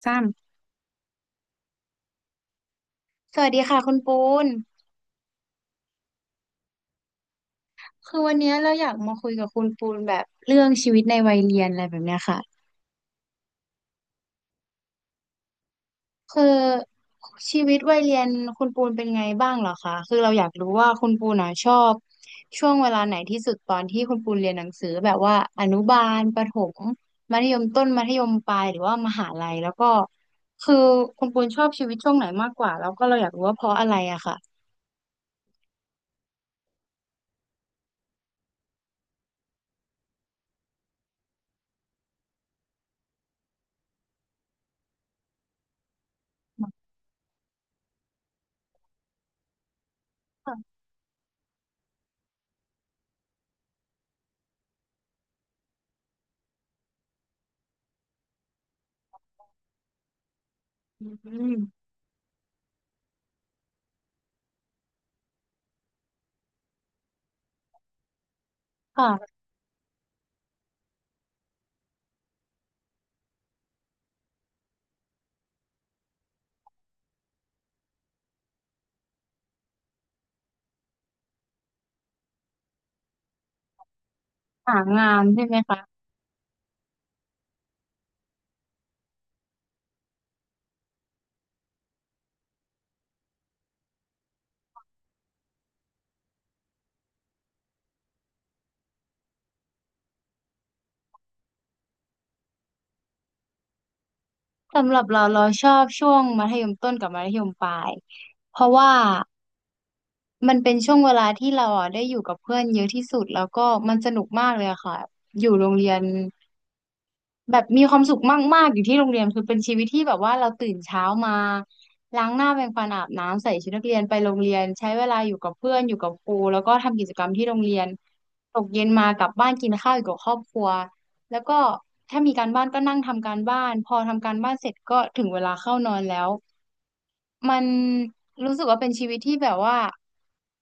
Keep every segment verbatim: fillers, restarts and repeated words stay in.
ซ้สวัสดีค่ะคุณปูนคือวันเนี้ยเราอยากมาคุยกับคุณปูนแบบเรื่องชีวิตในวัยเรียนอะไรแบบเนี้ยค่ะคือชีวิตวัยเรียนคุณปูนเป็นไงบ้างเหรอคะคือเราอยากรู้ว่าคุณปูนอ่ะชอบช่วงเวลาไหนที่สุดตอนที่คุณปูนเรียนหนังสือแบบว่าอนุบาลประถมมัธยมต้นมัธยมปลายหรือว่ามหาลัยแล้วก็คือคุณปูนชอบชีวิตช่วงไหนมากกว่าแล้วก็เราอยากรู้ว่าเพราะอะไรอะค่ะำอืมค่ะหางานใช่ไหมคะ สำหรับเราเราชอบช่วงมัธยมต้นกับมัธยมปลายเพราะว่ามันเป็นช่วงเวลาที่เราอ่ะได้อยู่กับเพื่อนเยอะที่สุดแล้วก็มันสนุกมากเลยอะค่ะอยู่โรงเรียน แบบมีความสุขมากๆอยู่ที่โรงเรียนคือเป็นชีวิตที่แบบว่าเราตื่นเช้ามาล้างหน้าแปรงฟันอาบน้ำใส่ชุดนักเรียนไปโรงเรียนใช้เวลาอยู่กับเพื่อนอยู่กับครูแล้วก็ทำกิจกรรมที่โรงเรียนตกเย็นมากลับบ้านกินข้าวอยู่กับครอบครัวแล้วก็ถ้ามีการบ้านก็นั่งทำการบ้านพอทำการบ้านเสร็จก็ถึงเวลาเข้านอนแล้ว มันรู้สึกว่าเป็นชีวิตที่แบบว่า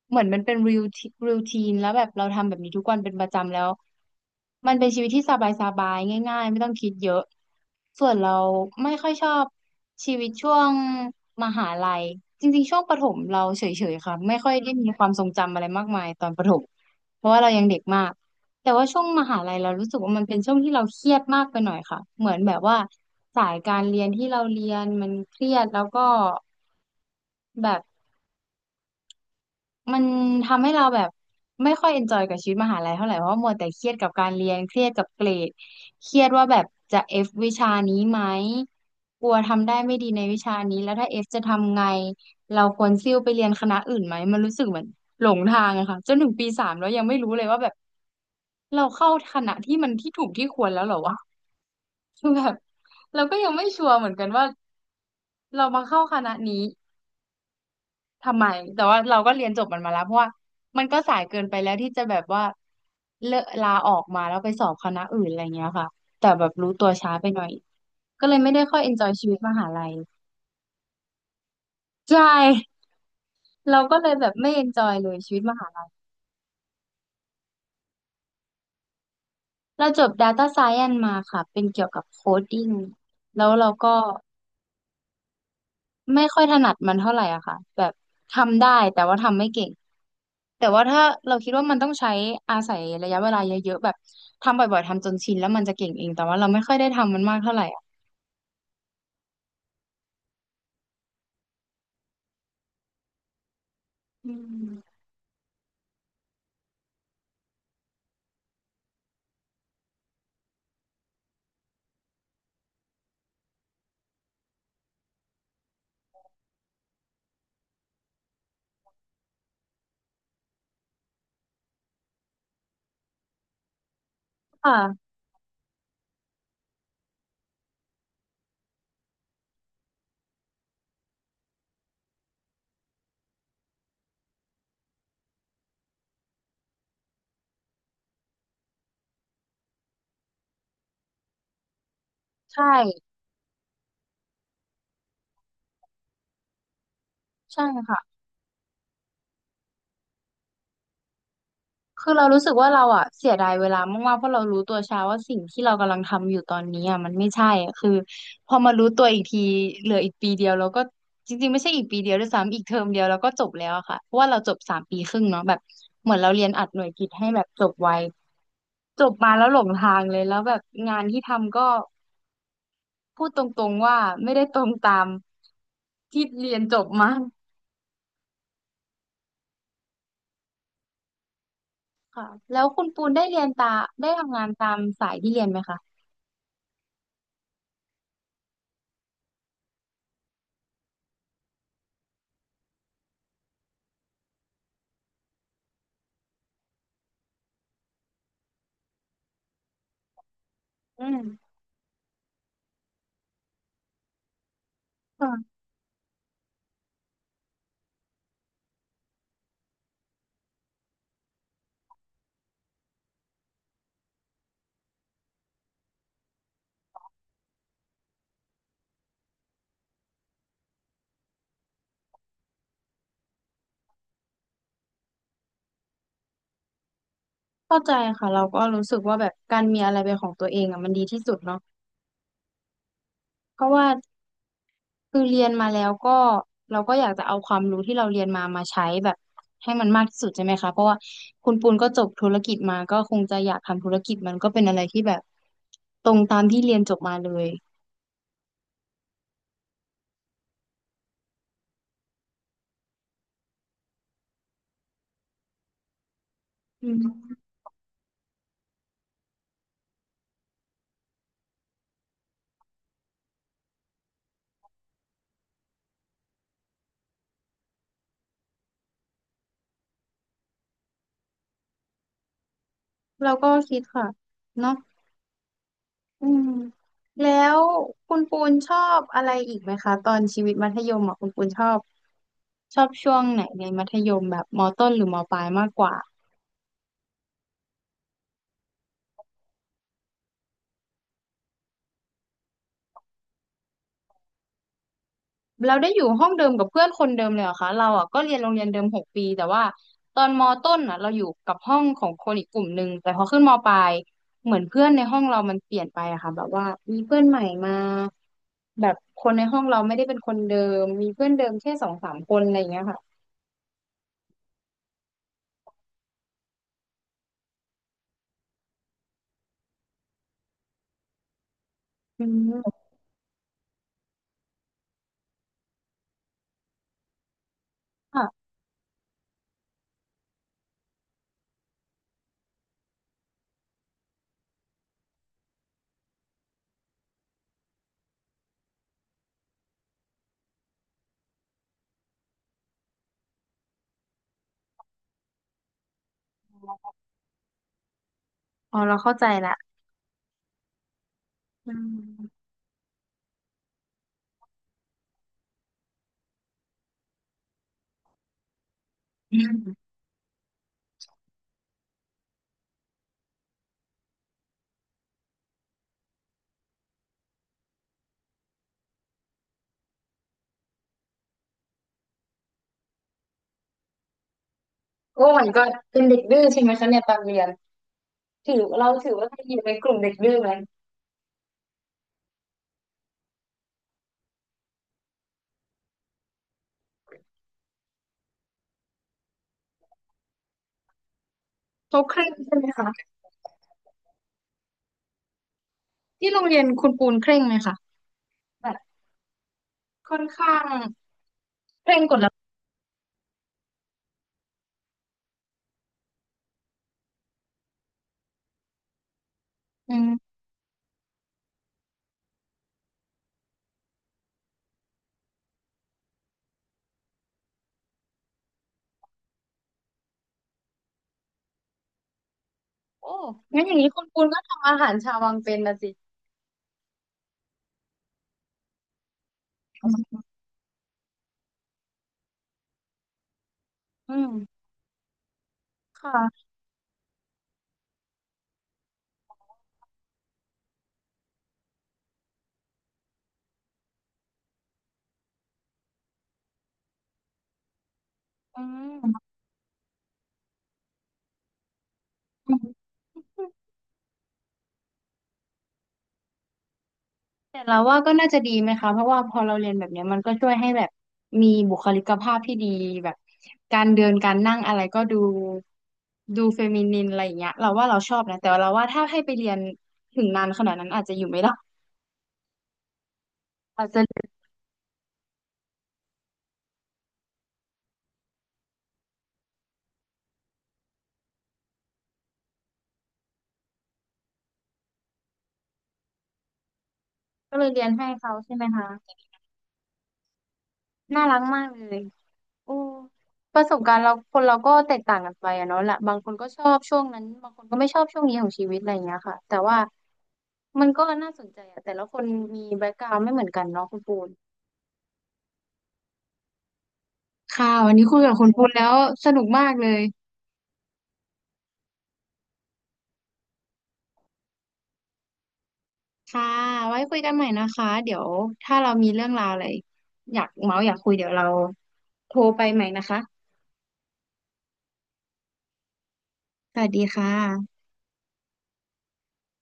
เหมือนมันเป็นริวริวทีนแล้วแบบเราทำแบบนี้ทุกวันเป็นประจำแล้วมันเป็นชีวิตที่สบายสบายง่ายๆไม่ต้องคิดเยอะส่วนเราไม่ค่อยชอบชีวิตช่วงมหาลัยจริงๆช่วงประถมเราเฉยๆค่ะไม่ค่อยได้มีความทรงจำอะไรมากมายตอนประถมเพราะว่าเรายังเด็กมากแต่ว่าช่วงมหาลัยเรารู้สึกว่ามันเป็นช่วงที่เราเครียดมากไปหน่อยค่ะเหมือนแบบว่าสายการเรียนที่เราเรียนมันเครียดแล้วก็ แบบมันทำให้เราแบบไม่ค่อยเอนจอยกับชีวิตมหาลัยเท่าไหร่เพราะว่ามัวแต่เครียดกับการเรียนเครียดกับเกรดเครียดว่าแบบจะเอฟวิชานี้ไหมกลัวทำได้ไม่ดีในวิชานี้แล้วถ้าเอฟจะทำไงเราควรซิ่วไปเรียนคณะอื่นไหมมันรู้สึกเหมือนหลงทางอะค่ะจนถึงปีสามแล้วยังไม่รู้เลยว่าแบบเราเข้าคณะที่มันที่ถูกที่ควรแล้วเหรอวะคือแบบเราก็ยังไม่ชัวร์เหมือนกันว่าเรามาเข้าคณะนี้ ทำไมแต่ว่าเราก็เรียนจบมันมาแล้วเพราะว่ามันก็สายเกินไปแล้วที่จะแบบว่าเลิกลาออกมาแล้วไปสอบคณะอื่นอะไรเงี้ยค่ะแต่แบบรู้ตัวช้าไปหน่อยก็เลยไม่ได้ค่อยเอนจอยชีวิตมหาลัยใช่เราก็เลยแบบไม่เอนจอยเลยชีวิตมหาลัยเราจบ ดาต้า ซายน์ มาค่ะเป็นเกี่ยวกับโคดดิ้งแล้วเราก็ ไม่ค่อยถนัดมันเท่าไหร่อะค่ะแบบทำได้แต่ว่าทำไม่เก่ง แต่ว่าถ้าเราคิดว่ามันต้องใช้อาศัยระยะเวลาเยอะๆแบบทำบ่อยๆทำจนชินแล้วมันจะเก่งเองแต่ว่าเราไม่ค่อยได้ทำมันมากเท่าไหร่อะอืมค่ะใช่ ใช่ค่ะ คือเรารู้สึกว่าเราอะเสียดายเวลามากๆ เพราะเรารู้ตัวช้าว่าสิ่งที่เรากำลังทำอยู่ตอนนี้อะมันไม่ใช่อะคือพอมารู้ตัวอีกทีเหลืออีกปีเดียวเราก็จริงๆไม่ใช่อีกปีเดียวด้วยซ้ำอีกเทอมเดียวเราก็จบแล้วอะค่ะเพราะว่าเราจบสามปีครึ่งเนาะแบบเหมือนเราเรียนอัดหน่วยกิตให้แบบจบไวจบมาแล้วหลงทางเลยแล้วแบบงานที่ทำก็พูดตรงๆว่าไม่ได้ตรงตามที่เรียนจบมาค่ะแล้วคุณปูนได้เรียนตาได้ทำงานตามสายที่เรียนไหมคะอืม เข้าใจค่ะเราก็รู้สึกว่าแบบการมีอะไรเป็นของตัวเองอ่ะมันดีที่สุดเนาะเพราะว่าคือเรียนมาแล้วก็เราก็อยากจะเอาความรู้ที่เราเรียนมามาใช้แบบให้มันมากที่สุดใช่ไหมคะเพราะว่าคุณปูนก็จบธุรกิจมาก็คงจะอยากทำธุรกิจมันก็เป็นอะไรที่แบบตรงตามที่เรียนจบมาเลยอืมเราก็คิดค่ะเนาะ อืมแล้วคุณปูนชอบอะไรอีกไหมคะตอนชีวิตมัธยมอ่ะคุณปูนชอบชอบช่วงไหนในมัธยมแบบมต้นหรือมปลายมากกว่าเราได้อยู่ห้องเดิมกับเพื่อนคนเดิมเลยเหรอคะเราอ่ะก็เรียนโรงเรียนเดิมหกปีแต่ว่าตอนมต้นอ่ะเราอยู่กับห้องของคนอีกกลุ่มหนึ่งแต่พอขึ้นมปลายเหมือนเพื่อนในห้องเรามันเปลี่ยนไปอะค่ะแบบว่ามีเพื่อนใหม่มาแบบคนในห้องเราไม่ได้เป็นคนเดิมมีเพื่อนเดิมแค่สองสามคนอะไรอย่างเงี้ยค่ะอืมค่ะอ๋อเราเข้าใจละ อืมอืมโอ้มันก็เป็นเด็กดื้อใช่ไหมคะเนี่ยตอนเรียนถือเราถือว่าเราอยู่ในกลุ่มเด็กดื้อไหมเขาเคร่งใช่ไหมคะที่โรงเรียนคุณปูนเคร่งไหมคะแบบค่อนข้างเคร่งกฎระเบียบอืมโอ้งั้นอย่างนี้คุณปูนก็ทำอาหารชาววังเป็นนะสิอืมค่ะอืม แต่เราว่าก็น่าจะดีไหมคะเพราะว่าพอเราเรียนแบบเนี้ยมันก็ช่วยให้แบบมีบุคลิกภาพที่ดีแบบการเดินการนั่งอะไรก็ดูดูเฟมินินอะไรอย่างเงี้ยเราว่าเราชอบนะแต่เราว่าถ้าให้ไปเรียนถึงนานขนาดนั้นอาจจะอยู่ไม่ได้อาจจะก็เลยเรียนให้เขาใช่ไหมคะน่ารักมากเลยโอ้ประสบการณ์เราคนเราก็แตกต่างกันไปอะเนาะละบางคนก็ชอบช่วงนั้นบางคนก็ไม่ชอบช่วงนี้ของชีวิตอะไรอย่างเงี้ยค่ะแต่ว่ามันก็น่าสนใจอะแต่ละคนมีแบ็กกราวด์ไม่เหมือนกันเนาะคุณปูน ค่ะวันนี้คุยกับคุณคุณแล้วสนุกมากเลยค่ะไว้คุยกันใหม่นะคะเดี๋ยวถ้าเรามีเรื่องราวอะไรอยากเมาส์อยากคุยเดี๋ยวเราโทรไปใหม่นะคะสวัสดีค่ะ